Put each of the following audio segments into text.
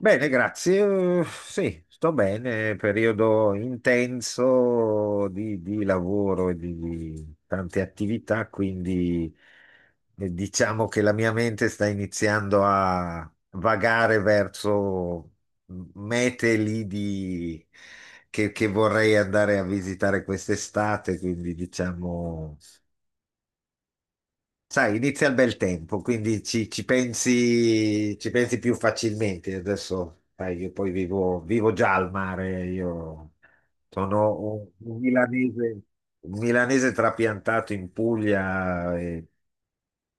Bene, grazie. Sì, Sto bene. Periodo intenso di lavoro e di tante attività, quindi diciamo che la mia mente sta iniziando a vagare verso mete lì di- che vorrei andare a visitare quest'estate, quindi diciamo. Sai, inizia il bel tempo, quindi ci pensi, ci pensi più facilmente. Adesso, sai, io poi vivo già al mare, io sono un milanese, un milanese trapiantato in Puglia, e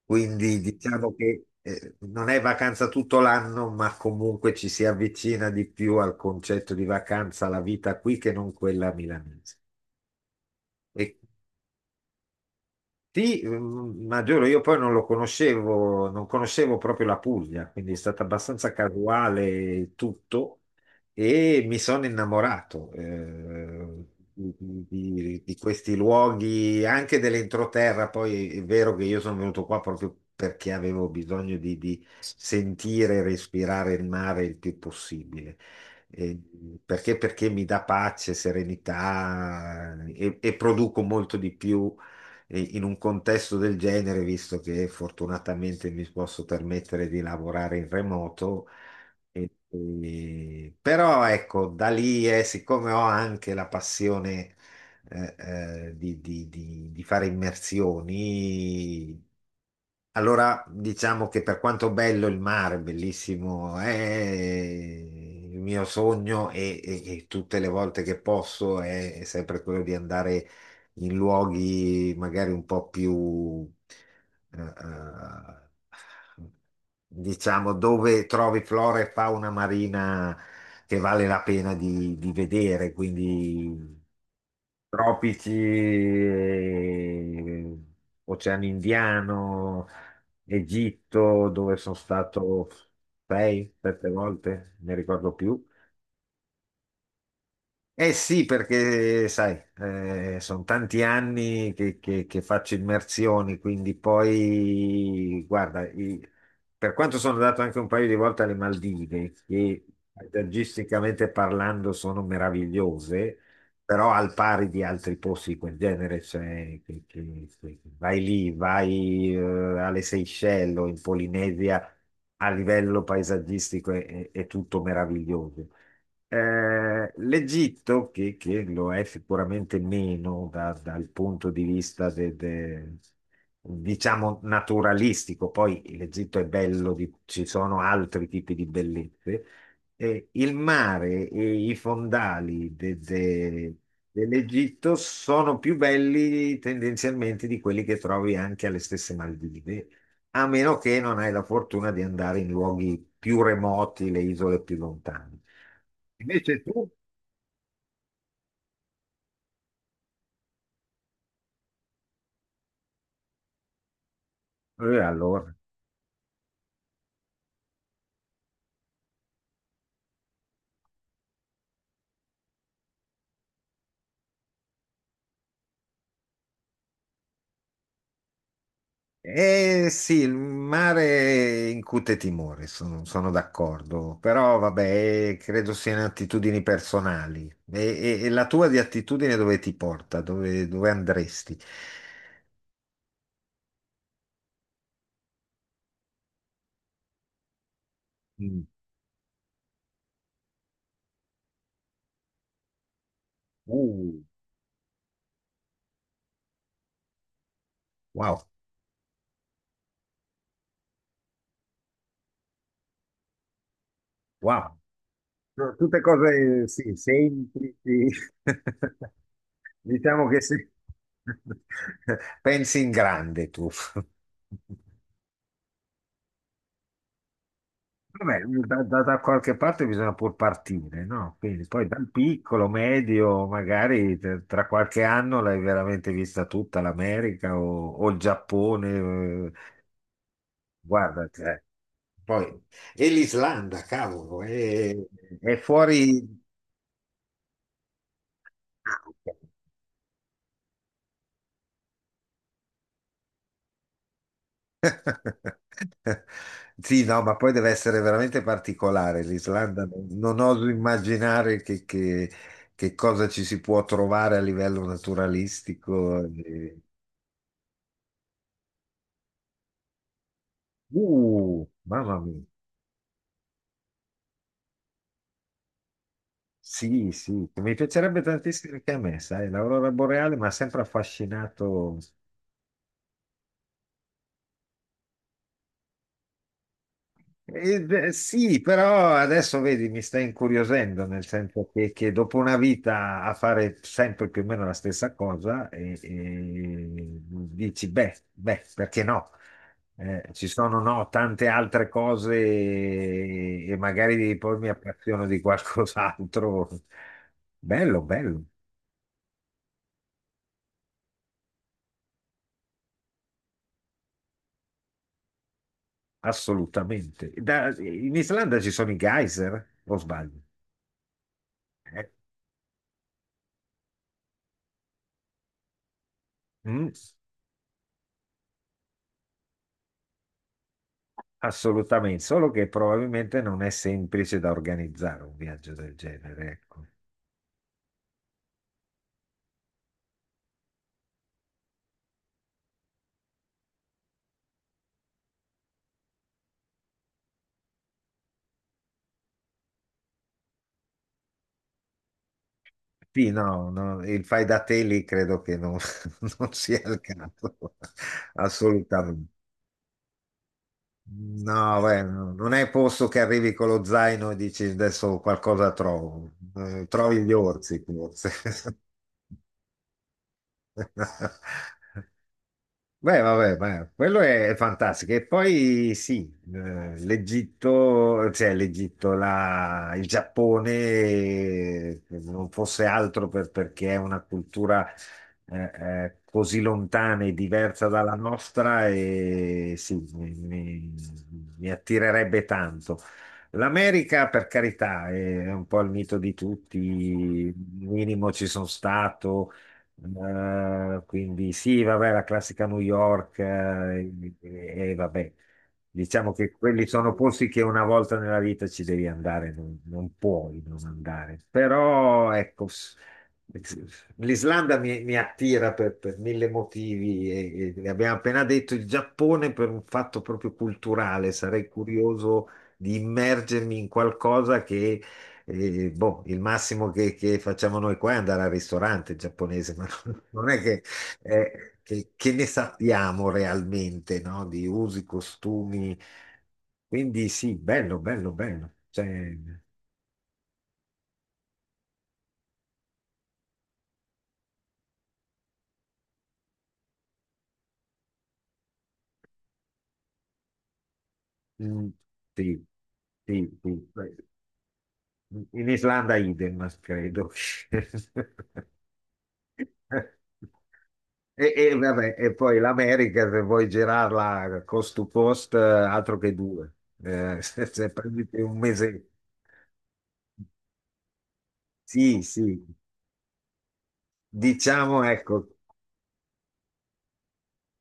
quindi diciamo che non è vacanza tutto l'anno, ma comunque ci si avvicina di più al concetto di vacanza, la vita qui che non quella milanese. Sì, mm, ma giuro, io poi non lo conoscevo, non conoscevo proprio la Puglia, quindi è stato abbastanza casuale tutto, e mi sono innamorato di, di questi luoghi, anche dell'entroterra. Poi è vero che io sono venuto qua proprio perché avevo bisogno di sentire e respirare il mare il più possibile. Eh, perché mi dà pace, serenità, e produco molto di più in un contesto del genere, visto che fortunatamente mi posso permettere di lavorare in remoto. Però ecco, da lì, siccome ho anche la passione, eh, di fare immersioni, allora diciamo che per quanto bello il mare, bellissimo, è il mio sogno, e tutte le volte che posso è sempre quello di andare in luoghi magari un po' più, eh, eh, diciamo, dove trovi flora e fauna marina che vale la pena di vedere, quindi tropici, Oceano Indiano, Egitto, dove sono stato sei, sette volte, ne ricordo più. Eh sì, perché sai, sono tanti anni che faccio immersioni, quindi poi, guarda, per quanto sono andato anche un paio di volte alle Maldive, che paesaggisticamente parlando sono meravigliose, però al pari di altri posti di quel genere, cioè vai lì, vai, alle Seychelles o in Polinesia, a livello paesaggistico è tutto meraviglioso. l'Egitto, che lo è sicuramente meno dal punto di vista diciamo naturalistico, poi l'Egitto è bello, ci sono altri tipi di bellezze, il mare e i fondali dell'Egitto sono più belli tendenzialmente di quelli che trovi anche alle stesse Maldive, a meno che non hai la fortuna di andare in luoghi più remoti, le isole più lontane. Invece tu? Allora. Eh sì, il mare incute timore, sono, sono d'accordo, però vabbè, credo siano attitudini personali. E, e la tua di attitudine dove ti porta? Dove, dove andresti? Mm. Uh, wow, wow. No, tutte cose, sì, semplici. Diciamo che sì. Pensi in grande tu. Vabbè, mm, da, da qualche parte bisogna pur partire, no? Quindi poi dal piccolo, medio, magari tra qualche anno l'hai veramente vista tutta l'America o il Giappone, guarda, cioè, poi, e l'Islanda, cavolo, è fuori. Sì, no, ma poi deve essere veramente particolare l'Islanda, non oso immaginare che, che cosa ci si può trovare a livello naturalistico. Eh, uh, mamma mia. Sì, sì, mi piacerebbe tantissimo anche a me, sai, l'aurora boreale mi ha sempre affascinato. Sì, però adesso vedi, mi sta incuriosendo, nel senso che dopo una vita a fare sempre più o meno la stessa cosa, e dici, beh, beh, perché no? Ci sono, no, tante altre cose, e magari poi mi appassiono di qualcos'altro. Bello, bello. Assolutamente. In Islanda ci sono i geyser, o sbaglio? Eh, mm, assolutamente, solo che probabilmente non è semplice da organizzare un viaggio del genere, ecco. Sì, no, no, il fai da te lì credo che non, non sia il caso, assolutamente. No, beh, no, non è posto che arrivi con lo zaino e dici adesso qualcosa trovo. Trovi gli orsi, forse. Beh, vabbè, beh, quello è fantastico. E poi sì, l'Egitto, cioè l'Egitto, il Giappone, non fosse altro perché è una cultura eh, così lontana e diversa dalla nostra, e sì, mi attirerebbe tanto. L'America, per carità, è un po' il mito di tutti, minimo ci sono stato. Quindi sì, vabbè, la classica New York, e vabbè, diciamo che quelli sono posti che una volta nella vita ci devi andare, non, non puoi non andare. Però ecco, l'Islanda mi, mi attira per mille motivi, e abbiamo appena detto il Giappone per un fatto proprio culturale, sarei curioso di immergermi in qualcosa che, e, boh, il massimo che facciamo noi qua è andare al ristorante giapponese, ma non, non è che, che ne sappiamo realmente, no? Di usi, costumi. Quindi sì, bello, bello, bello. Cioè, mm, sì, sì, sì. In Islanda idem, credo. E, vabbè, e poi l'America, se vuoi girarla cost to cost, altro che due. Se, se prendete un mese, sì, sì, diciamo, ecco,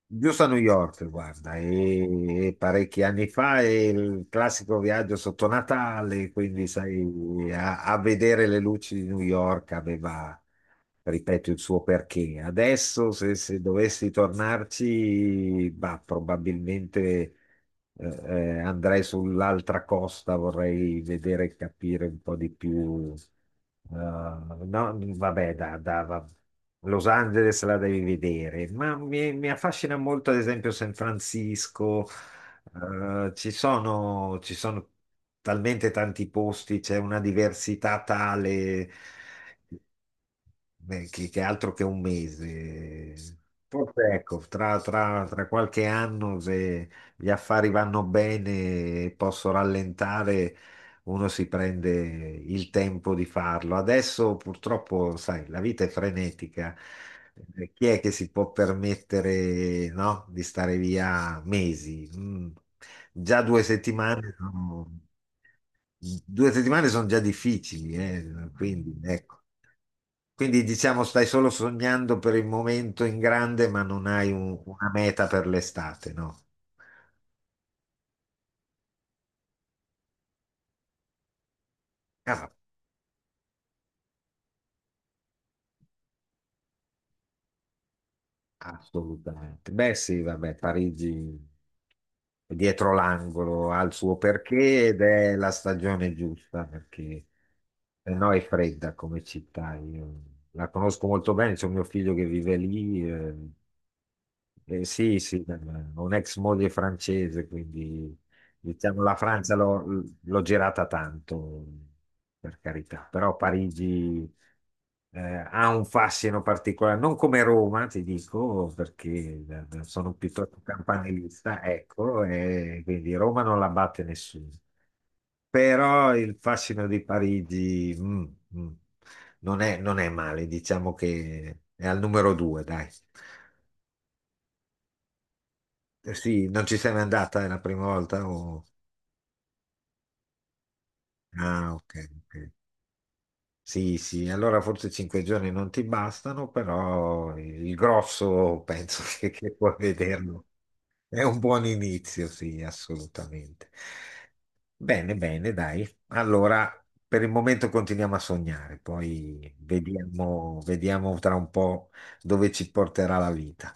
giusto a New York, guarda, e parecchi anni fa è il classico viaggio sotto Natale, quindi sai, a vedere le luci di New York aveva, ripeto, il suo perché. Adesso, se, se dovessi tornarci, bah, probabilmente, andrei sull'altra costa, vorrei vedere e capire un po' di più. No, vabbè, Los Angeles la devi vedere, ma mi affascina molto, ad esempio, San Francisco. Ci sono talmente tanti posti, c'è una diversità tale. Beh, che altro che un mese. Forse ecco, tra, tra qualche anno, se gli affari vanno bene e posso rallentare, uno si prende il tempo di farlo. Adesso purtroppo, sai, la vita è frenetica. Chi è che si può permettere, no, di stare via mesi? Mm. Già 2 settimane sono già difficili, quindi ecco. Quindi diciamo stai solo sognando per il momento in grande, ma non hai una meta per l'estate, no? Ah, assolutamente. Beh, sì, vabbè, Parigi è dietro l'angolo, ha il suo perché ed è la stagione giusta, perché se no è fredda come città. Io la conosco molto bene, c'è un mio figlio che vive lì. Sì, sì, ho un'ex moglie francese, quindi diciamo, la Francia l'ho girata tanto, per carità, però Parigi eh, ha un fascino particolare, non come Roma, ti dico, perché sono piuttosto campanilista, ecco, e quindi Roma non la batte nessuno. Però il fascino di Parigi, mm, non è, non è male, diciamo che è al numero due, dai. Eh sì, non ci sei mai andata, è la prima volta? O- ah, ok. Ok. Sì, sì, allora forse 5 giorni non ti bastano, però il grosso penso che puoi vederlo. È un buon inizio, sì, assolutamente. Bene, bene, dai. Allora, per il momento continuiamo a sognare, poi vediamo, vediamo tra un po' dove ci porterà la vita.